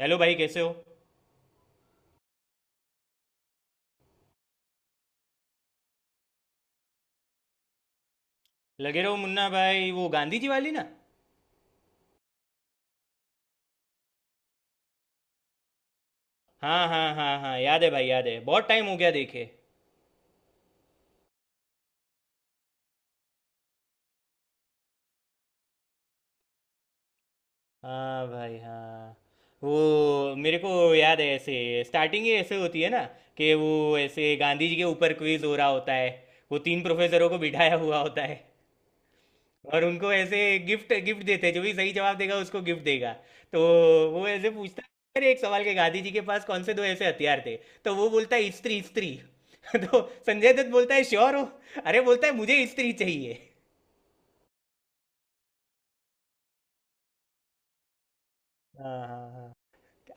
Hello भाई, कैसे हो। लगे रहो मुन्ना भाई, वो गांधी जी वाली ना। हाँ हाँ हाँ हाँ, याद है भाई, याद है, बहुत टाइम हो गया देखे। हाँ भाई हाँ। वो मेरे को याद है। ऐसे स्टार्टिंग ही ऐसे होती है ना कि वो ऐसे गांधी जी के ऊपर क्विज हो रहा होता है। वो तीन प्रोफेसरों को बिठाया हुआ होता है, और उनको ऐसे गिफ्ट गिफ्ट देते हैं, जो भी सही जवाब देगा उसको गिफ्ट देगा। तो वो ऐसे पूछता है, अरे एक सवाल के गांधी जी के पास कौन से दो ऐसे हथियार थे। तो वो बोलता है स्त्री स्त्री। तो संजय दत्त बोलता है श्योर हो। अरे बोलता है मुझे स्त्री चाहिए। हाँ हाँ हाँ।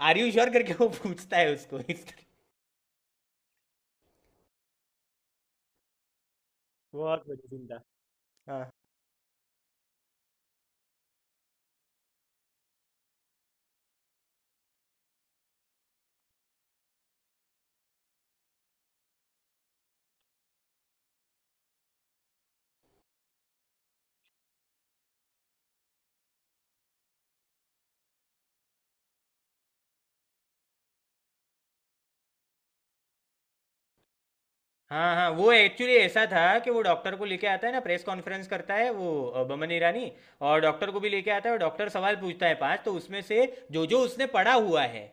आर यू श्योर करके वो पूछता है उसको। स्त्री। बहुत बढ़िया सीन था। हाँ हाँ हाँ। वो एक्चुअली ऐसा था कि वो डॉक्टर को लेके आता है ना, प्रेस कॉन्फ्रेंस करता है वो बमन ईरानी। और डॉक्टर को भी लेके आता है, और डॉक्टर सवाल पूछता है पांच। तो उसमें से जो जो उसने पढ़ा हुआ है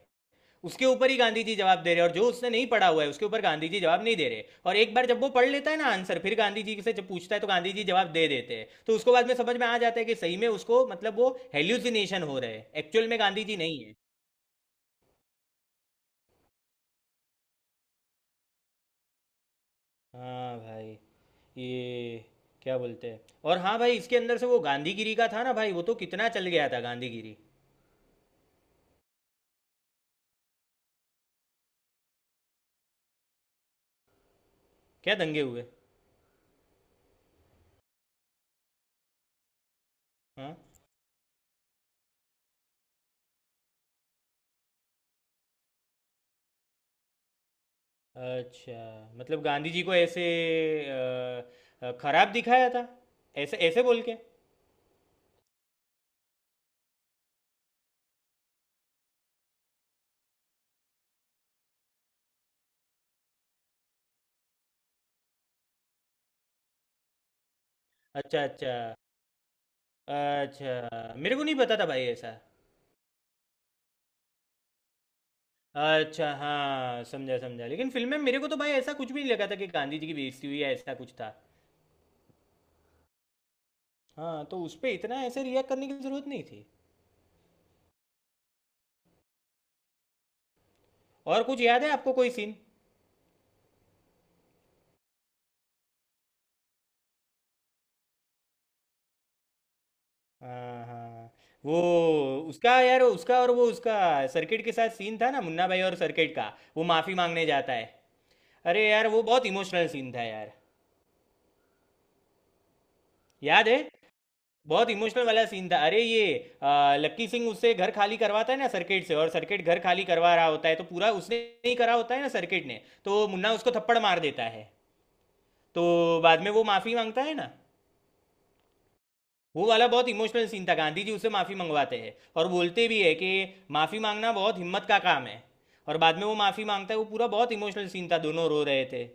उसके ऊपर ही गांधी जी जवाब दे रहे हैं, और जो उसने नहीं पढ़ा हुआ है उसके ऊपर गांधी जी जवाब नहीं दे रहे। और एक बार जब वो पढ़ लेता है ना आंसर, फिर गांधी जी से जब पूछता है तो गांधी जी जवाब दे देते हैं। तो उसको बाद में समझ में आ जाता है कि सही में उसको, मतलब वो हेल्यूसिनेशन हो रहे हैं, एक्चुअल में गांधी जी नहीं है। हाँ भाई। ये क्या बोलते हैं। और हाँ भाई, इसके अंदर से वो गांधीगिरी का था ना भाई, वो तो कितना चल गया था गांधीगिरी। क्या दंगे हुए। हाँ। अच्छा मतलब गांधी जी को ऐसे खराब दिखाया था, ऐसे ऐसे बोल के। अच्छा अच्छा। अच्छा, मेरे को नहीं पता था भाई ऐसा। अच्छा, हाँ, समझा, समझा। लेकिन फ़िल्म में मेरे को तो भाई ऐसा कुछ भी नहीं लगा था कि गांधी जी की बेइज़्ज़ती हुई है, ऐसा कुछ था। हाँ, तो उस पे इतना ऐसे रिएक्ट करने की ज़रूरत नहीं थी। और कुछ याद है आपको कोई सीन? हाँ, हाँ। वो उसका यार उसका और वो उसका सर्किट के साथ सीन था ना, मुन्ना भाई और सर्किट का, वो माफ़ी माँगने जाता है। अरे यार, वो बहुत इमोशनल सीन था यार। याद है। बहुत इमोशनल वाला सीन था। अरे ये लक्की सिंह उससे घर खाली करवाता है ना सर्किट से, और सर्किट घर खाली करवा रहा होता है, तो पूरा उसने ही करा होता है ना सर्किट ने, तो मुन्ना उसको थप्पड़ मार देता है। तो बाद में वो माफ़ी मांगता है ना। वो वाला बहुत इमोशनल सीन था, गांधी जी उससे माफ़ी मंगवाते हैं और बोलते भी है कि माफ़ी मांगना बहुत हिम्मत का काम है। और बाद में वो माफ़ी मांगता है, वो पूरा बहुत इमोशनल सीन था, दोनों रो रहे थे।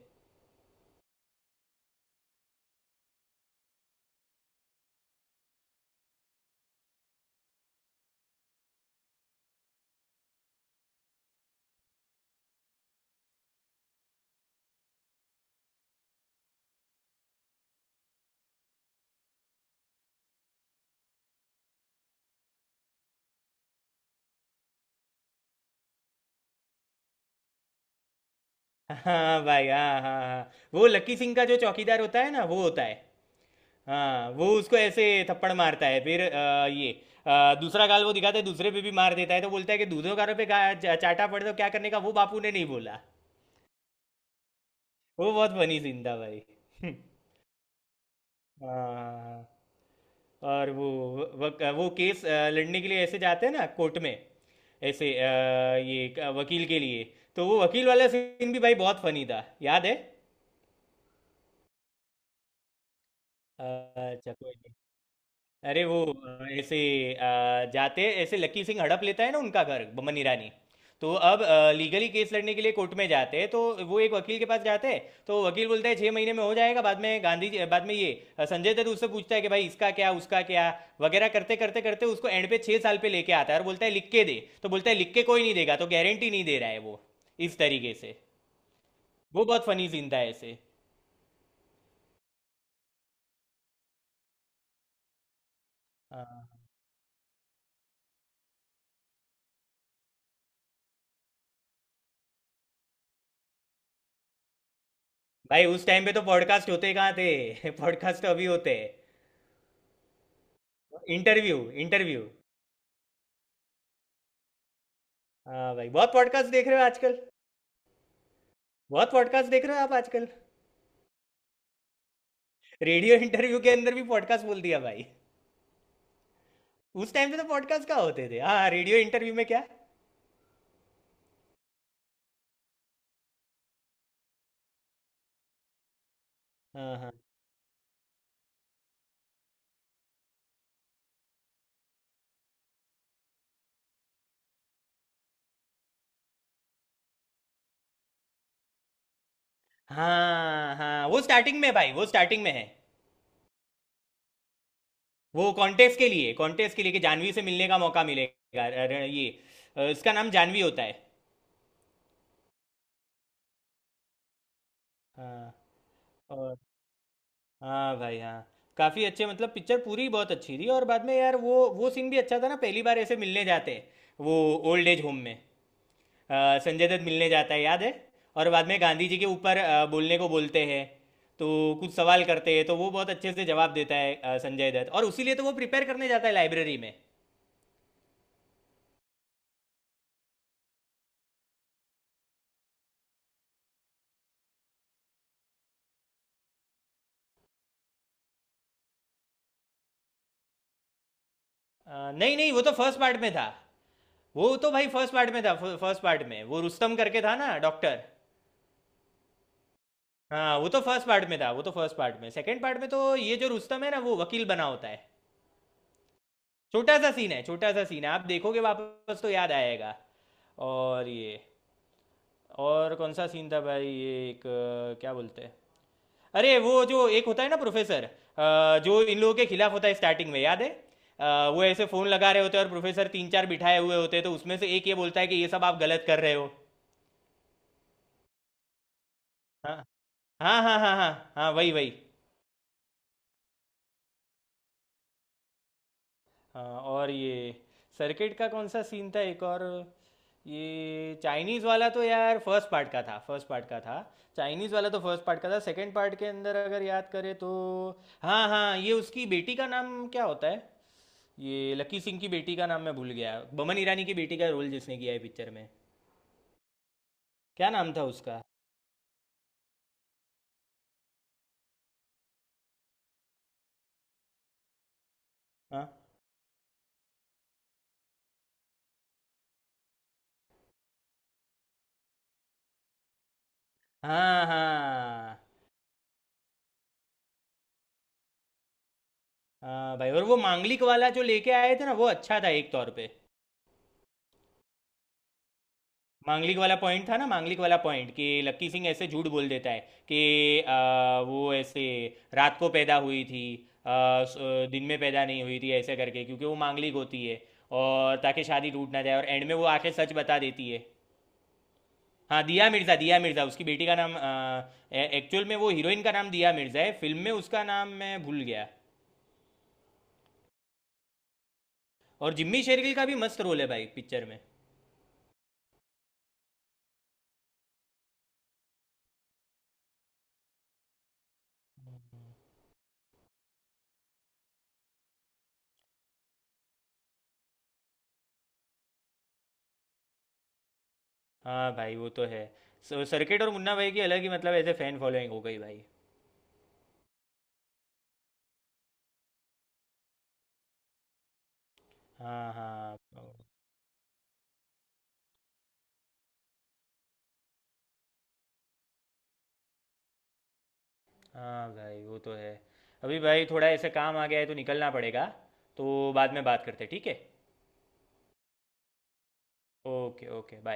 हाँ भाई हाँ हाँ हाँ। वो लक्की सिंह का जो चौकीदार होता है ना, वो होता है। हाँ, वो उसको ऐसे थप्पड़ मारता है, फिर ये दूसरा गाल वो दिखाता है, दूसरे पे भी मार देता है। तो बोलता है कि दूधों गारों पे चाटा पड़े तो क्या करने का वो बापू ने नहीं बोला। वो बहुत फनी सीन था भाई। हाँ। और वो केस लड़ने के लिए ऐसे जाते हैं ना कोर्ट में। ऐसे ये वकील के लिए। तो वो वकील वाला सीन भी भाई बहुत फनी था, याद है। अच्छा कोई नहीं। अरे वो ऐसे अ, जाते ऐसे, लकी सिंह हड़प लेता है ना उनका घर, बमन ईरानी। तो अब लीगली केस लड़ने के लिए कोर्ट में जाते हैं, तो वो एक वकील के पास जाते हैं। तो वकील बोलता है छः महीने में हो जाएगा, बाद में गांधी जी, बाद में ये संजय दत्त उससे पूछता है कि भाई इसका क्या, उसका क्या, वगैरह करते करते करते उसको एंड पे छः साल पे लेके आता है। और बोलता है लिख के दे, तो बोलता है लिख के कोई नहीं देगा, तो गारंटी नहीं दे रहा है वो, इस तरीके से। वो बहुत फनी सीन था ऐसे। हाँ। भाई उस टाइम पे तो पॉडकास्ट होते कहाँ थे। पॉडकास्ट तो अभी होते हैं। Interview interview. हाँ भाई, बहुत पॉडकास्ट देख रहे हो आजकल। बहुत पॉडकास्ट देख रहे हो आप आजकल। रेडियो इंटरव्यू के अंदर भी पॉडकास्ट बोल दिया भाई। उस टाइम पे तो पॉडकास्ट क्या होते थे, हाँ रेडियो इंटरव्यू में क्या। हाँ हाँ हाँ हाँ, वो स्टार्टिंग में भाई, वो स्टार्टिंग में है। वो कॉन्टेस्ट के लिए कि जानवी से मिलने का मौका मिलेगा। अरे ये इसका नाम जानवी होता है। हाँ। हाँ भाई हाँ। काफ़ी अच्छे मतलब पिक्चर पूरी बहुत अच्छी थी। और बाद में यार वो सीन भी अच्छा था ना, पहली बार ऐसे मिलने जाते हैं, वो ओल्ड एज होम में संजय दत्त मिलने जाता है, याद है। और बाद में गांधी जी के ऊपर बोलने को बोलते हैं, तो कुछ सवाल करते हैं तो वो बहुत अच्छे से जवाब देता है संजय दत्त, और उसी लिए तो वो प्रिपेयर करने जाता है लाइब्रेरी में। नहीं नहीं, वो तो फर्स्ट पार्ट में था। वो तो भाई फर्स्ट पार्ट में था। फर्स्ट पार्ट में वो रुस्तम करके था ना डॉक्टर। हाँ वो तो फर्स्ट पार्ट में था, वो तो फर्स्ट पार्ट में सेकंड पार्ट में तो ये जो रुस्तम है ना वो वकील बना होता है। छोटा सा सीन है, छोटा सा सीन है, आप देखोगे वापस तो याद आएगा। और ये। और कौन सा सीन था भाई ये एक क्या बोलते हैं। अरे वो जो एक होता है ना प्रोफेसर, जो इन लोगों के खिलाफ होता है स्टार्टिंग में, याद है। वो ऐसे फोन लगा रहे होते हैं, और प्रोफेसर तीन चार बिठाए हुए होते हैं, तो उसमें से एक ये बोलता है कि ये सब आप गलत कर रहे हो। हाँ हाँ हाँ हाँ हाँ हाँ वही वही। हाँ। और ये, सर्किट का कौन सा सीन था एक और। ये चाइनीज़ वाला तो यार फर्स्ट पार्ट का था, फर्स्ट पार्ट का था। चाइनीज़ वाला तो फर्स्ट पार्ट का था। सेकंड पार्ट के अंदर अगर याद करें तो, हाँ हाँ, ये उसकी बेटी का नाम क्या होता है, ये लकी सिंह की बेटी का नाम मैं भूल गया, बमन ईरानी की बेटी का रोल जिसने किया है पिक्चर में, क्या नाम था उसका। हाँ हाँ हाँ। हाँ भाई। और वो मांगलिक वाला जो लेके आए थे ना, वो अच्छा था एक तौर पे। मांगलिक वाला पॉइंट था ना, मांगलिक वाला पॉइंट कि लक्की सिंह ऐसे झूठ बोल देता है कि वो ऐसे रात को पैदा हुई थी, दिन में पैदा नहीं हुई थी ऐसे करके, क्योंकि वो मांगलिक होती है, और ताकि शादी टूट ना जाए, और एंड में वो आके सच बता देती है। हाँ, दिया मिर्ज़ा, दिया मिर्ज़ा उसकी बेटी का नाम। एक्चुअल में वो हीरोइन का नाम दिया मिर्ज़ा है, फिल्म में उसका नाम मैं भूल गया। और जिम्मी शेरगिल का भी मस्त रोल है भाई पिक्चर में। हाँ भाई वो तो है। सर्किट और मुन्ना भाई की अलग ही मतलब ऐसे फैन फॉलोइंग हो गई भाई। हाँ हाँ। हाँ भाई वो तो है। अभी भाई थोड़ा ऐसे काम आ गया है तो निकलना पड़ेगा, तो बाद में बात करते हैं, ठीक है। Okay okay bye.